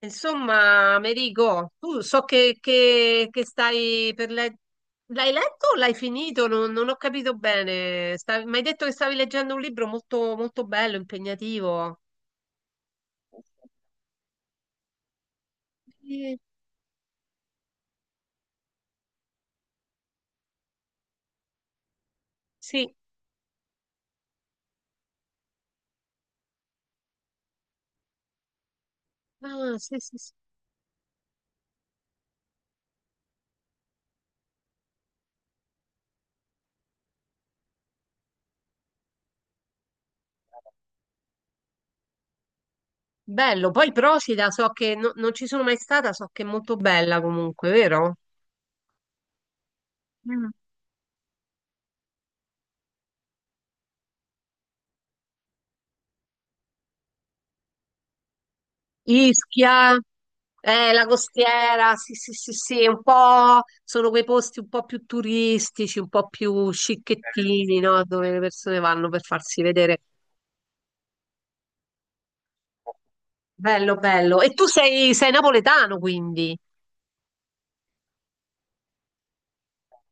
Insomma, Merigo, tu so che, che stai per leggere. L'hai letto o l'hai finito? Non ho capito bene. Mi hai detto che stavi leggendo un libro molto, molto bello, impegnativo. Eh, Sì. Ah, sì, sì, sì. Bello. Poi Procida, so che non ci sono mai stata, so che è molto bella comunque, vero? Mm. Ischia. La costiera, sì, sì, sì, sì, un po' sono quei posti un po' più turistici, un po' più scicchettini, no? Dove le persone vanno per farsi vedere. Bello, bello. E tu sei, sei napoletano, quindi.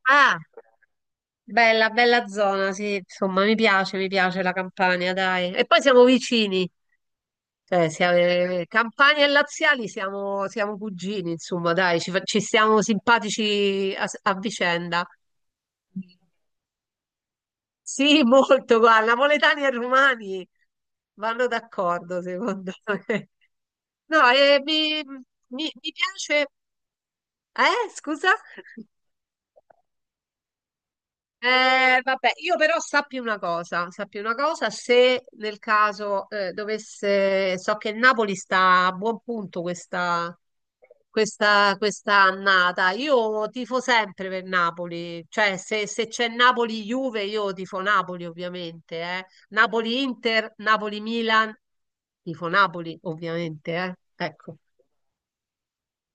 Ah, bella, bella zona, sì, insomma, mi piace la Campania, dai. E poi siamo vicini, cioè, siamo, Campania e Laziali siamo, siamo cugini, insomma, dai, ci, ci stiamo simpatici a vicenda. Sì, molto, guarda, napoletani e romani vanno d'accordo, secondo me. No, e mi, mi piace... scusa? Vabbè, io però sappi una cosa, se nel caso dovesse, so che il Napoli sta a buon punto questa, questa annata, io tifo sempre per Napoli, cioè se, se c'è Napoli-Juve io tifo Napoli ovviamente, eh. Napoli-Inter, Napoli-Milan, tifo Napoli ovviamente, eh. Ecco.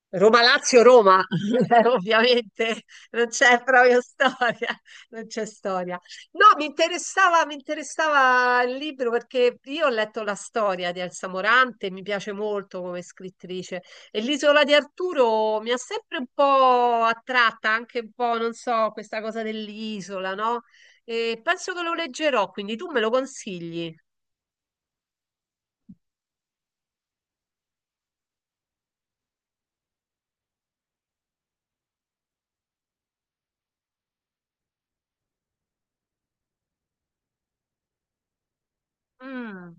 Roma-Lazio-Roma, ovviamente non c'è proprio storia, non c'è storia. No, mi interessava il libro perché io ho letto la storia di Elsa Morante, mi piace molto come scrittrice e l'Isola di Arturo mi ha sempre un po' attratta, anche un po', non so, questa cosa dell'isola, no? E penso che lo leggerò, quindi tu me lo consigli? Mm,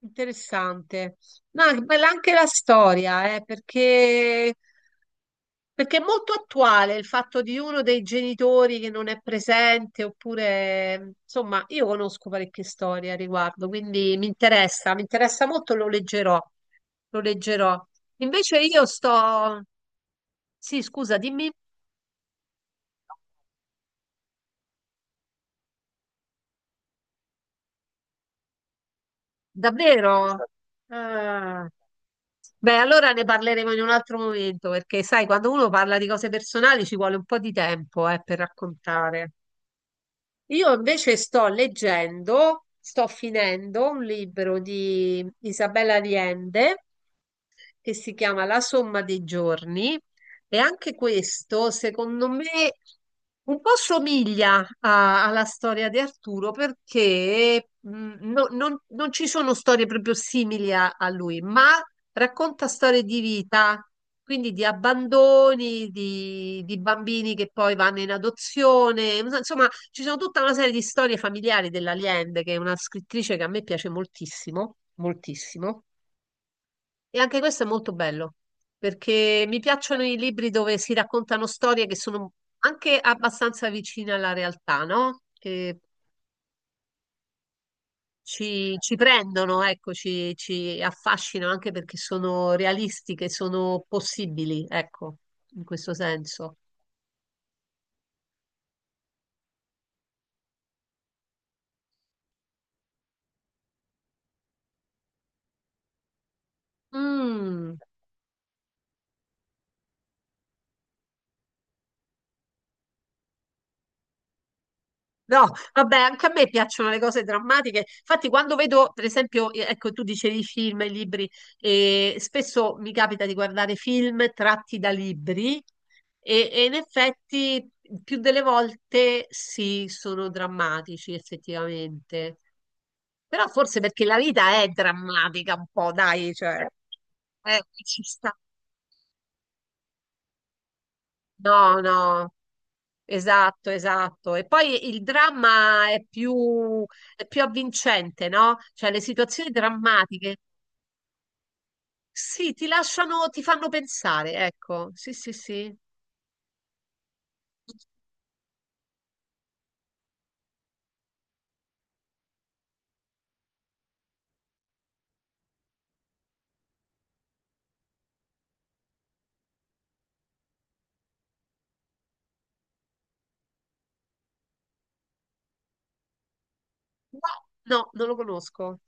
interessante. No, è bella anche la storia, perché perché è molto attuale il fatto di uno dei genitori che non è presente, oppure, insomma, io conosco parecchie storie a riguardo, quindi mi interessa molto, lo leggerò, lo leggerò. Invece io sto... Sì, scusa, dimmi, davvero? Ah. Beh, allora ne parleremo in un altro momento, perché sai, quando uno parla di cose personali ci vuole un po' di tempo, per raccontare. Io invece sto leggendo, sto finendo un libro di Isabella Allende che si chiama La somma dei giorni e anche questo, secondo me, un po' somiglia alla storia di Arturo perché non ci sono storie proprio simili a, a lui, ma racconta storie di vita, quindi di abbandoni, di bambini che poi vanno in adozione, insomma, ci sono tutta una serie di storie familiari della Allende, che è una scrittrice che a me piace moltissimo, moltissimo. E anche questo è molto bello, perché mi piacciono i libri dove si raccontano storie che sono anche abbastanza vicine alla realtà, no? Che ci, ci prendono, ecco, ci, ci affascinano anche perché sono realistiche, sono possibili, ecco, in questo senso. Mm. No, vabbè, anche a me piacciono le cose drammatiche. Infatti, quando vedo, per esempio, ecco, tu dicevi film, e libri, e spesso mi capita di guardare film tratti da libri e in effetti più delle volte sì, sono drammatici, effettivamente. Però forse perché la vita è drammatica un po', dai, cioè, eh, ci sta. No, no. Esatto, esatto. E poi il dramma è più avvincente, no? Cioè le situazioni drammatiche, sì, ti lasciano, ti fanno pensare, ecco. Sì, sì, sì. No, no, non lo conosco.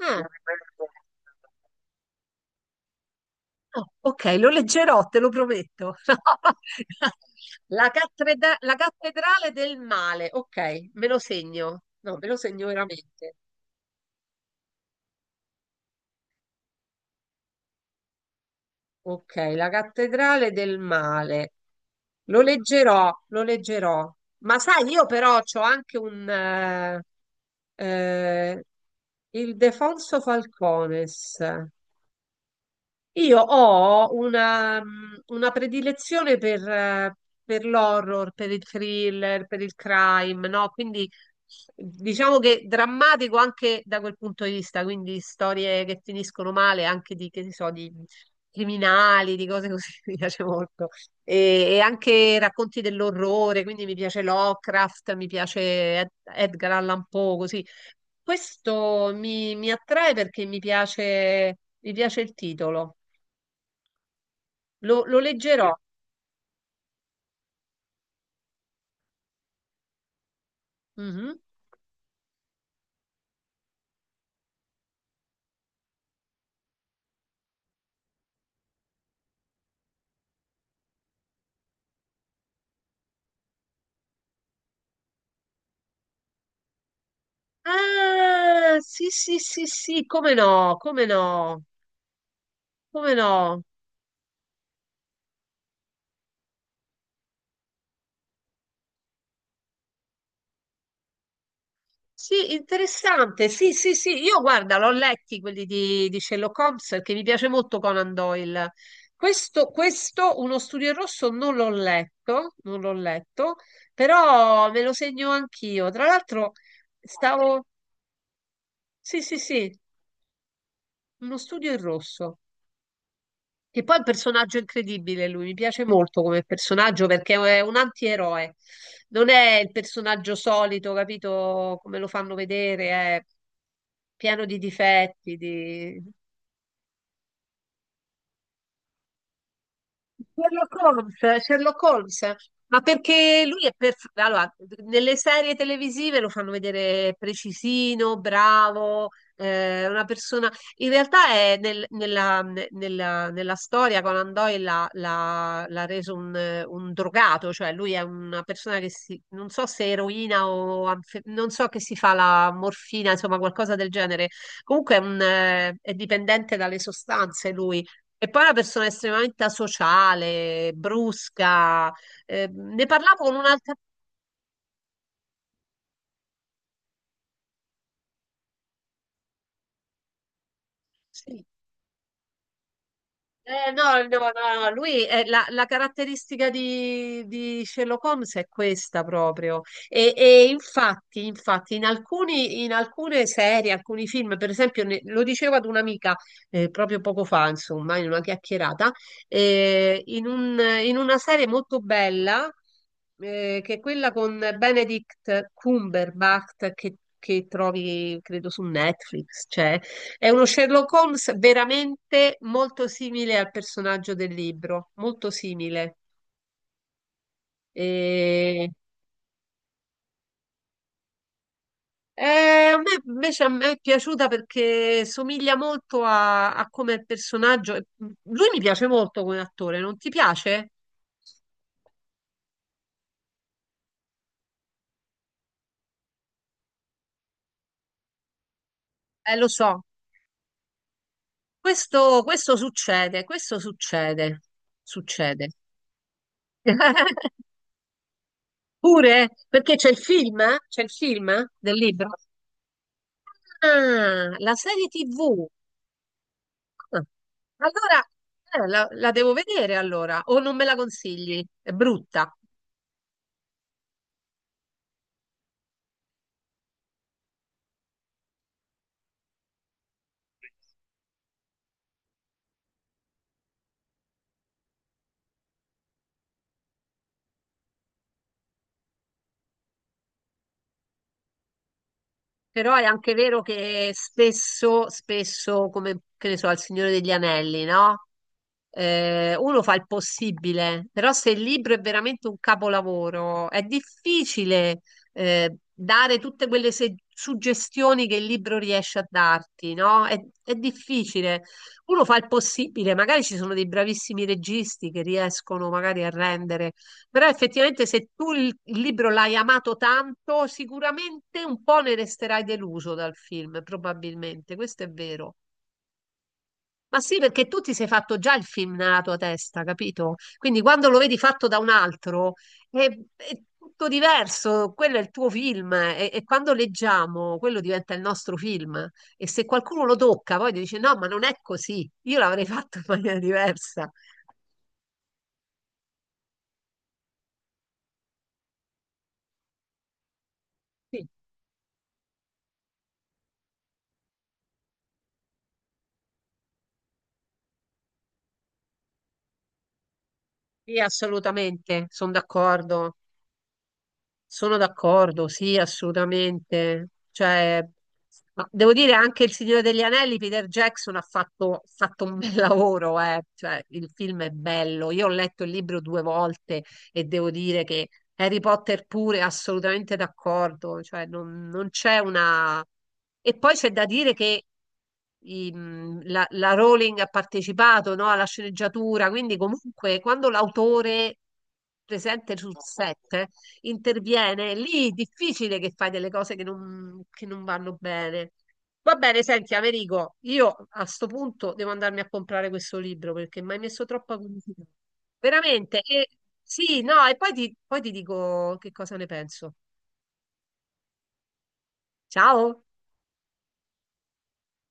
Ah. Oh, ok, lo leggerò, te lo prometto. La cattedrale del male, ok, me lo segno. No, me lo segno veramente. Ok, la cattedrale del male. Lo leggerò, lo leggerò. Ma sai, io però ho anche un... eh, il Defonso Falcones. Io ho una predilezione per l'horror, per il thriller, per il crime, no? Quindi diciamo che drammatico anche da quel punto di vista, quindi storie che finiscono male, anche di, che ne so, di criminali, di cose così, mi piace molto. E anche racconti dell'orrore, quindi mi piace Lovecraft, mi piace Edgar Allan Poe, così. Questo mi attrae perché mi piace il titolo. Lo, lo leggerò. Mhm. Ah, sì, sì, sì, sì, come no, come no, come no. Sì, interessante. Sì, sì, sì. Io guarda, l'ho letti quelli di Sherlock Holmes perché mi piace molto Conan Doyle. Questo, Uno studio in rosso, non l'ho letto, non l'ho letto, però me lo segno anch'io. Tra l'altro, stavo. Sì, sì, sì, Uno studio in rosso. Che poi è un personaggio incredibile, lui mi piace molto come personaggio perché è un antieroe, non è il personaggio solito, capito come lo fanno vedere, è pieno di difetti, di... Sherlock Holmes, Sherlock Holmes, ma perché lui è perfetto. Allora, nelle serie televisive lo fanno vedere precisino, bravo, una persona. In realtà è nella, nella storia Conan Doyle l'ha reso un drogato, cioè lui è una persona che si, non so se eroina o non so che si fa la morfina, insomma, qualcosa del genere. Comunque è, un, è dipendente dalle sostanze e poi è una persona estremamente asociale, brusca. Ne parlavo con un'altra. Sì, eh, no, no, no, no, lui è la, la caratteristica di Sherlock Holmes è questa proprio. E infatti, infatti, in alcuni, in alcune serie, alcuni film, per esempio, lo dicevo ad un'amica proprio poco fa, insomma, in una chiacchierata, in in una serie molto bella, che è quella con Benedict Cumberbatch che trovi, credo, su Netflix, c'è. È uno Sherlock Holmes veramente molto simile al personaggio del libro, molto simile. E- eh, a me invece a me è piaciuta perché somiglia molto a, a come è il personaggio. E lui mi piace molto come attore, non ti piace? Lo so. Questo, questo succede, succede. Pure? Eh, perché c'è il film? Eh? C'è il film del libro? Ah, la serie TV. Allora, la, la devo vedere allora, o non me la consigli, è brutta. Però è anche vero che spesso, spesso, come che ne so, al Signore degli Anelli, no? Uno fa il possibile, però se il libro è veramente un capolavoro, è difficile dare tutte quelle suggestioni che il libro riesce a darti, no? È difficile. Uno fa il possibile, magari ci sono dei bravissimi registi che riescono magari a rendere. Però effettivamente se tu il libro l'hai amato tanto, sicuramente un po' ne resterai deluso dal film, probabilmente, questo è vero. Ma sì, perché tu ti sei fatto già il film nella tua testa, capito? Quindi quando lo vedi fatto da un altro è, è tutto diverso, quello è il tuo film e quando leggiamo quello diventa il nostro film e se qualcuno lo tocca poi ti dice no, ma non è così, io l'avrei fatto in maniera diversa. Sì, sì, assolutamente, sono d'accordo. Sono d'accordo, sì, assolutamente. Cioè, ma devo dire anche Il Signore degli Anelli, Peter Jackson ha fatto un bel lavoro, eh. Cioè, il film è bello. Io ho letto il libro 2 volte e devo dire che Harry Potter pure, assolutamente d'accordo. Cioè, non, non c'è una... E poi c'è da dire che la, la Rowling ha partecipato, no, alla sceneggiatura, quindi comunque quando l'autore presente sul set interviene, lì è difficile che fai delle cose che non vanno bene. Va bene, senti, Amerigo, io a sto punto devo andarmi a comprare questo libro perché mi hai messo troppa curiosità. Veramente, e, sì, no, e poi ti dico che cosa ne penso. Ciao!